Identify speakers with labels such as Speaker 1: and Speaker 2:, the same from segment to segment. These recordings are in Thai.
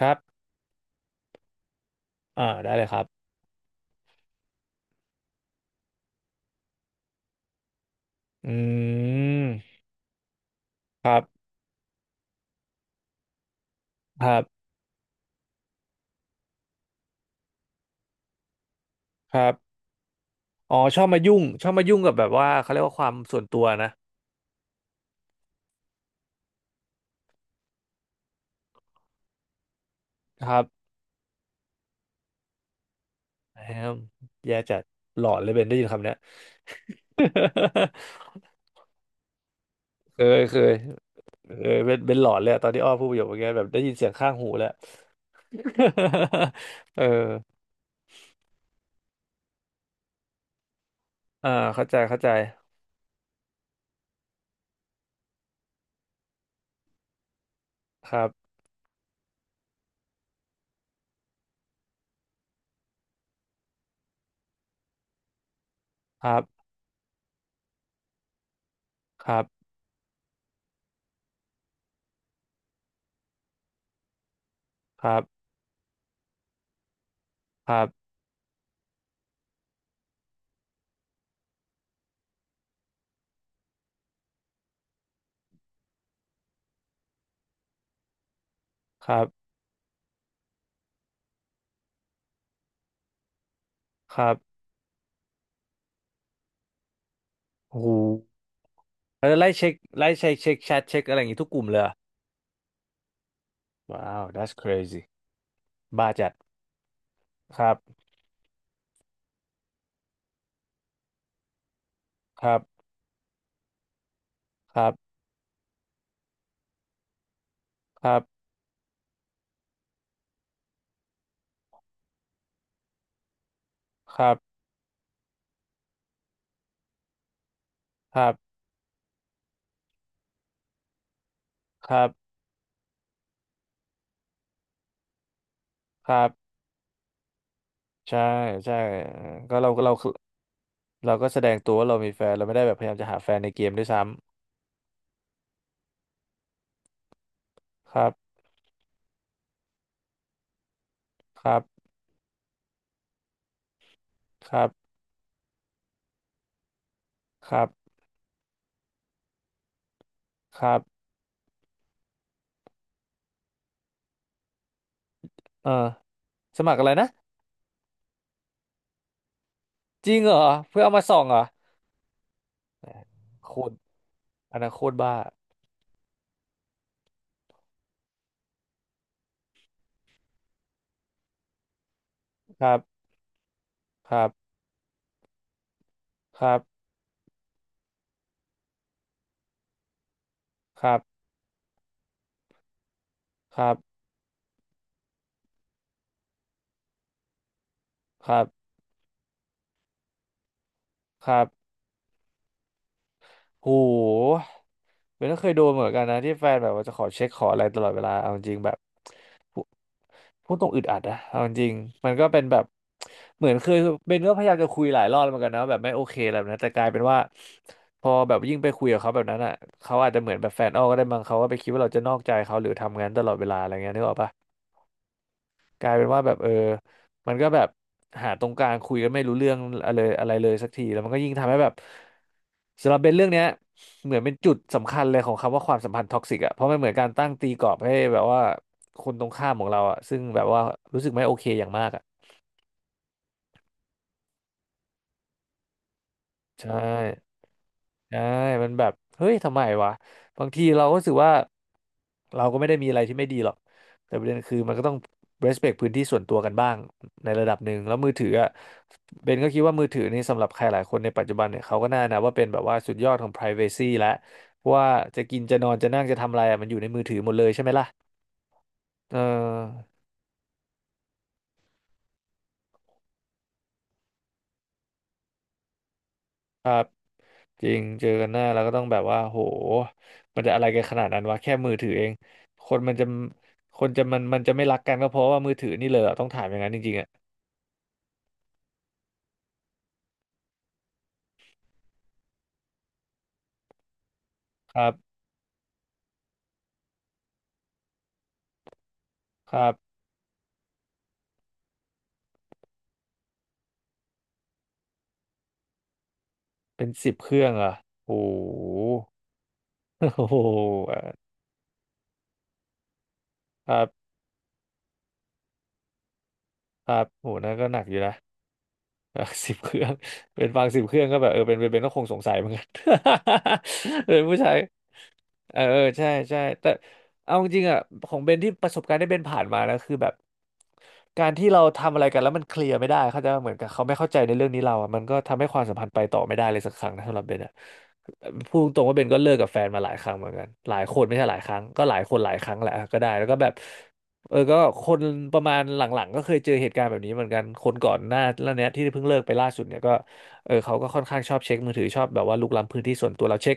Speaker 1: ครับอ่าได้เลยครับอืมครับครับครับอ๋อชอบมายุ่ง ชอบมายุ่งกับแบบว่าเขาเรียกว่าความส่วนตัวนะครับแฮมแย่จัดหลอนเลยเบนได้ยินคำเนี้ย เคยเคยเออเป็นหลอนเลยอะตอนที่อ้อพูดประโยคเมื่อกี้แบบได้ยินเสียงข้างหูแล้ว เอออ่าเข้าใจเข้าใจครับครับครับครับครับครับครับโอ้โหแล้วไล่เช็คไล่เช็คเช็คแชทเช็คอะไรอย่างงี้ทุกกลุ่มเลย ว้าว that's crazy บ้าจัดครับครับครับครับครับครับครับครับใช่ใช่เออก็เราเราก็แสดงตัวว่าเรามีแฟน เราไม่ได้แบบพยายามจะหาแฟนในเกมด้วยซ้ำครับครับครับครับครับเออสมัครอะไรนะ จริงเหรอเพื่อเอามาส่องเหรอโคตรอันนั้นโคตรบ้าครับครับครับครับครับครับครับ โหเบนก็เคยโดนเหมือนกันนะที่แฟนแบบว่าจะขอเช็คขออะไรตลอดเวลาเอาจริงแบบพูพูดตรงอึดอัดนะเอาจริงมันก็เป็นแบบเหมือนเคยเบนก็พยายามจะคุยหลายรอบเหมือนกันนะว่าแบบไม่โอเคอะไรแบบนั้นแต่กลายเป็นว่าพอแบบยิ่งไปคุยกับเขาแบบนั้นอ่ะเขาอาจจะเหมือนแบบแฟนอ้อก็ได้มั้งเขาก็ไปคิดว่าเราจะนอกใจเขาหรือทำงานตลอดเวลาอะไรเงี้ยนึกออกปะ กลายเป็นว่าแบบเออมันก็แบบหาตรงกลางคุยกันไม่รู้เรื่องอะไรอะไรเลยสักทีแล้วมันก็ยิ่งทำให้แบบสำหรับเบนเรื่องเนี้ยเหมือนเป็นจุดสำคัญเลยของคำว่าความสัมพันธ์ท็อกซิกอ่ะเพราะมันเหมือนการตั้งตีกรอบให้แบบว่าคนตรงข้ามของเราอ่ะซึ่งแบบว่ารู้สึกไม่โอเคอย่างมากอ่ะใช่ ใช่มันแบบเฮ้ยทำไมวะ บางทีเราก็รู้สึกว่าเราก็ไม่ได้มีอะไรที่ไม่ดีหรอก แต่ประเด็นคือมันก็ต้อง respect พื้นที่ส่วนตัวกันบ้างในระดับหนึ่งแล้วมือถืออ่ะเบนก็คิดว่ามือถือนี่สำหรับใครหลายคนในปัจจุบันเนี่ยเขาก็น่านะว่าเป็นแบบว่าสุดยอดของ privacy แล้วเพราะว่าจะกินจะนอนจะนั่งจะทำอะไรอะมันอยู่ในมือถือหมดเลยใช่ไหมล่ะเออ จริงเจอกันหน้าแล้วก็ต้องแบบว่าโหมันจะอะไรกันขนาดนั้นวะแค่มือถือเองคนมันจะคนจะมันมันจะไม่รักกันก็เพราะว่ามือถือนี่เลยเหรอต้องถามอย่างนั้นจริงๆอ่ะครับครับ เป็นสิบเครื่องเหรอ่ะโห โอ้โหครับครับโหนั่นก็หนักอยู่นะ สิบเครื่อง เป็นฟังสิบเครื่องก็แบบเออเป็นก็คงสงสัยเหมือนกัน เป็นผู้ชายเออเออใช่ใช่แต่เอาจริงๆอ่ะของเบนที่ประสบการณ์ที่เบนผ่านมานะคือแบบการที่เราทำอะไรกันแล้วมันเคลียร์ไม่ได้เขาใจปะเหมือนกับเขาไม่เข้าใจในเรื่องนี้เราอ่ะมันก็ทำให้ความสัมพันธ์ไปต่อไม่ได้เลยสักครั้งนะสำหรับเบนอ่ะพูดตรงๆว่าเบนก็เลิกกับแฟนมาหลายครั้งเหมือนกันหลายคนไม่ใช่หลายครั้งก็หลายคนหลายครั้งแหละก็ได้แล้วก็แบบ เออก็คนประมาณหลังๆก็เคยเจอเหตุการณ์แบบนี้เหมือนกันคนก่อนหน้าแล้วเนี้ยที่เพิ่งเลิกไปล่าสุดเนี่ยก็เออเขาก็ค่อนข้างชอบเช็คมือถือชอบแบบว่าลุกล้ำพื้นที่ส่วนตัวเราเช็ค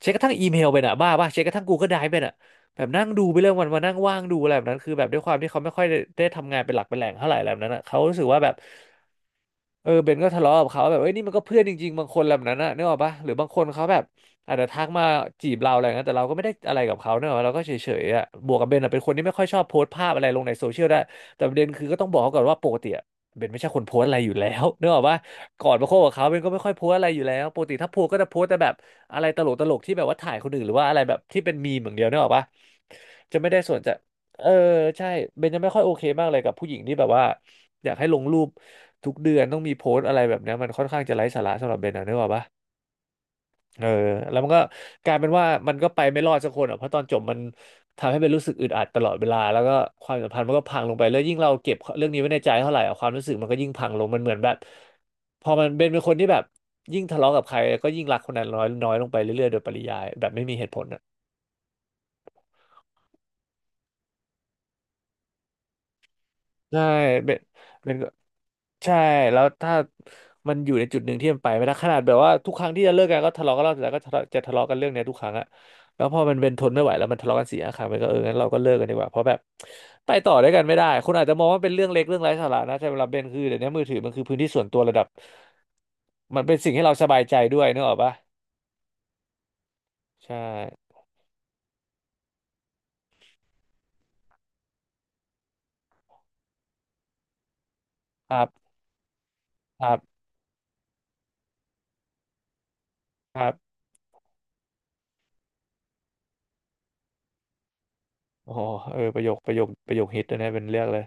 Speaker 1: กระทั่งอีเมลไปน่ะบ้าป่ะเช็คกระทั่ง Google Drive ไปน่ะแบบนั่งดูไปเรื่องวันมานั่งว่างดูอะไรแบบนั้นคือแบบด้วยความที่เขาไม่ค่อยได้ทำงานเป็นหลักเป็นแหล่งเท่าไหร่อะไรแบบนั้นอ่ะเขารู้สึกว่าแบบเออเบนก็ทะเลาะกับเขาแบบเอ้ยนี่มันก็เพื่อนจริงๆบางคนแบบนั้นน่ะนึกออกปะหรือบางคนเขาแบบ อาจจะทักมาจีบเราอะไรอย่างเงี้ยแต่เราก็ไม่ได้อะไรกับเขาเนอะเราก็เฉยๆอ่ะบวกกับเบนอะเป็นคนที่ไม่ค่อยชอบโพสต์ภาพอะไรลงในโซเชียลได้แต่ประเด็นคือก็ต้องบอกเขาก่อนว่าปกติอะเบนไม่ใช่คนโพสต์อะไรอยู่แล้ว เนกอะว่าก่อนมาคบกับเขาเบนก็ไม่ค่อยโพสต์อะไรอยู่แล้วปกติถ้าโพสต์ก็จะโพสต์แต่แบบอะไรตลกตลกที่แบบว่าถ่ายคนอื่นหรือว่าอะไรแบบที่เป็นมีมอย่างเดียวเนกอะปะจะไม่ได้สนใจเออใช่เบนจะไม่ค่อยโอเคมากเลยกับผู้หญิงที่แบบว่าอยากให้ลงรูปทุกเดือนต้องมีโพสต์อะไรแบบเนี้ยมันค่อนข้างจะไร้สาระสำหรับเบนนะเนกอะปะ เออแล้วมันก็กลายเป็นว่ามันก็ไปไม่รอดสักคนอ่ะเพราะตอนจบมันทำให้เป็นรู้สึกอึดอัดตลอดเวลาแล้วก็ความสัมพันธ์มันก็พังลงไปแล้วยิ่งเราเก็บเรื่องนี้ไว้ในใจเท่าไหร่อะความรู้สึกมันก็ยิ่งพังลงมันเหมือนแบบพอมันเป็นคนที่แบบยิ่งทะเลาะกับใครก็ยิ่งรักคนนั้นน้อยน้อยลงไปเรื่อยๆโดยปริยายแบบไม่มีเหตุผล ใช่เป็นเป็นก็ใช่แล้วถ้ามันอยู่ในจุดหนึ่งที่มันไปไม่ได้ขนาดแบบว่าทุกครั้งที่จะเลิกกันก็ทะเลาะกันรอบแล้วก็ทะเลาะจะทะเลาะกันเรื่องเนี้ยทุกครั้งอะแล้วพอมันเป็นทนไม่ไหวแล้วมันทะเลาะกันสี่ห้าครั้งมันก็เอองั้นเราก็เลิกกันดีกว่าเพราะแบบไปต่อด้วยกันไม่ได้คุณอาจจะมองว่าเป็นเรื่องเล็กเรื่องไร้สาระนะแต่สำหรับเบนคือเดี๋ยวนี้มือถือมันคือพื้นที่ส่วนตัวระดับมันเป็นสิ่งให้เราสบายใจด้วยนึกออกปะใช่ครับครับครับโอ้โหเออประโยคประโยคฮิตเลยนะเป็นเรื่องเลย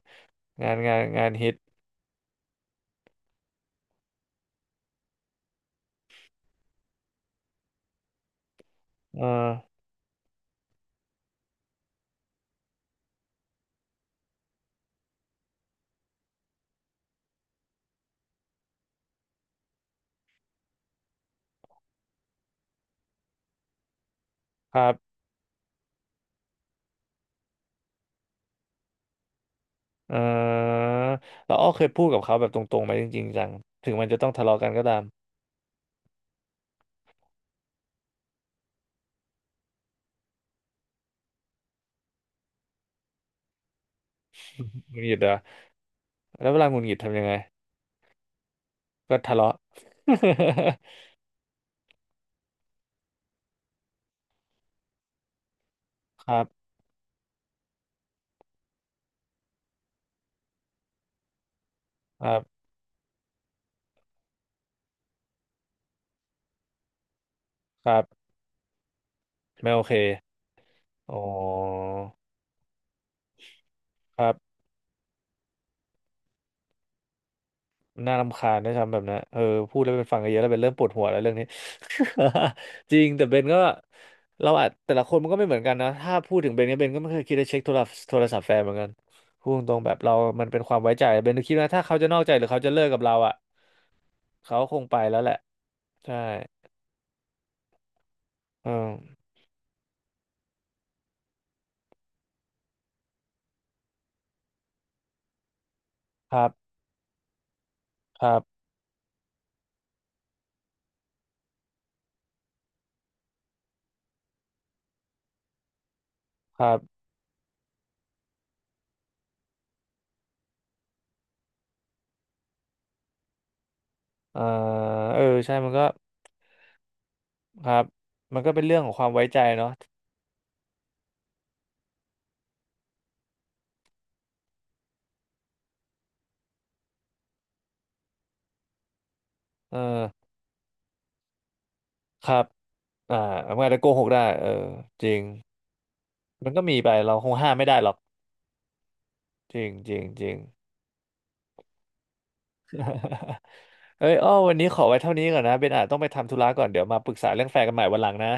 Speaker 1: งานงานฮิตเออครับ อ่าแล้วอ้อเคยพูดกับเขาแบบตรงๆไหมจริงๆจังถึงมันจะต้องทะเลาะกันก็ตามหงุดหงิดเหรอแล้วเวลาหงุดหงิดทำยังไง ก็ทะเลาะ ครับครับครับไม่โอเคอ๋อครับน่ารำคาญนะทำแบบนั้นเออพูดแล้วเป็นฟังกันเยอะแล้วเป็นเริ่มปวดหัวแล้วเรื่องนี้ จริงแต่เบนก็เราอาจแต่ละคนมันก็ไม่เหมือนกันนะถ้าพูดถึงเบนเนี่ยเบนก็ไม่เคยคิดจะเช็คโทรศัพท์แฟนเหมือนกันพูดตรงๆแบบเรามันเป็นความไว้ใจเบน็คิดว่าถ้าเขาจะนอกใจหรือเขาจะเลิกกับเราอ่ะ เขาคงไปแล้วแหละใช่เออครับครับครับเออเออใช่มันก็ครับมันก็เป็นเรื่องของความไว้ใจเนาะเออครับอ่ามันอาจจะโกหกได้เออจริงมันก็มีไปเราคงห้ามไม่ได้หรอกจริงจริงจริงเอ้ยอ้อวันนี้ขอไว้เท่านี้ก่อนนะเบนอาจต้องไปทำธุระก่อนเดี๋ยวมาปรึกษาเรื่องแฟนกันใหม่วันหลังนะ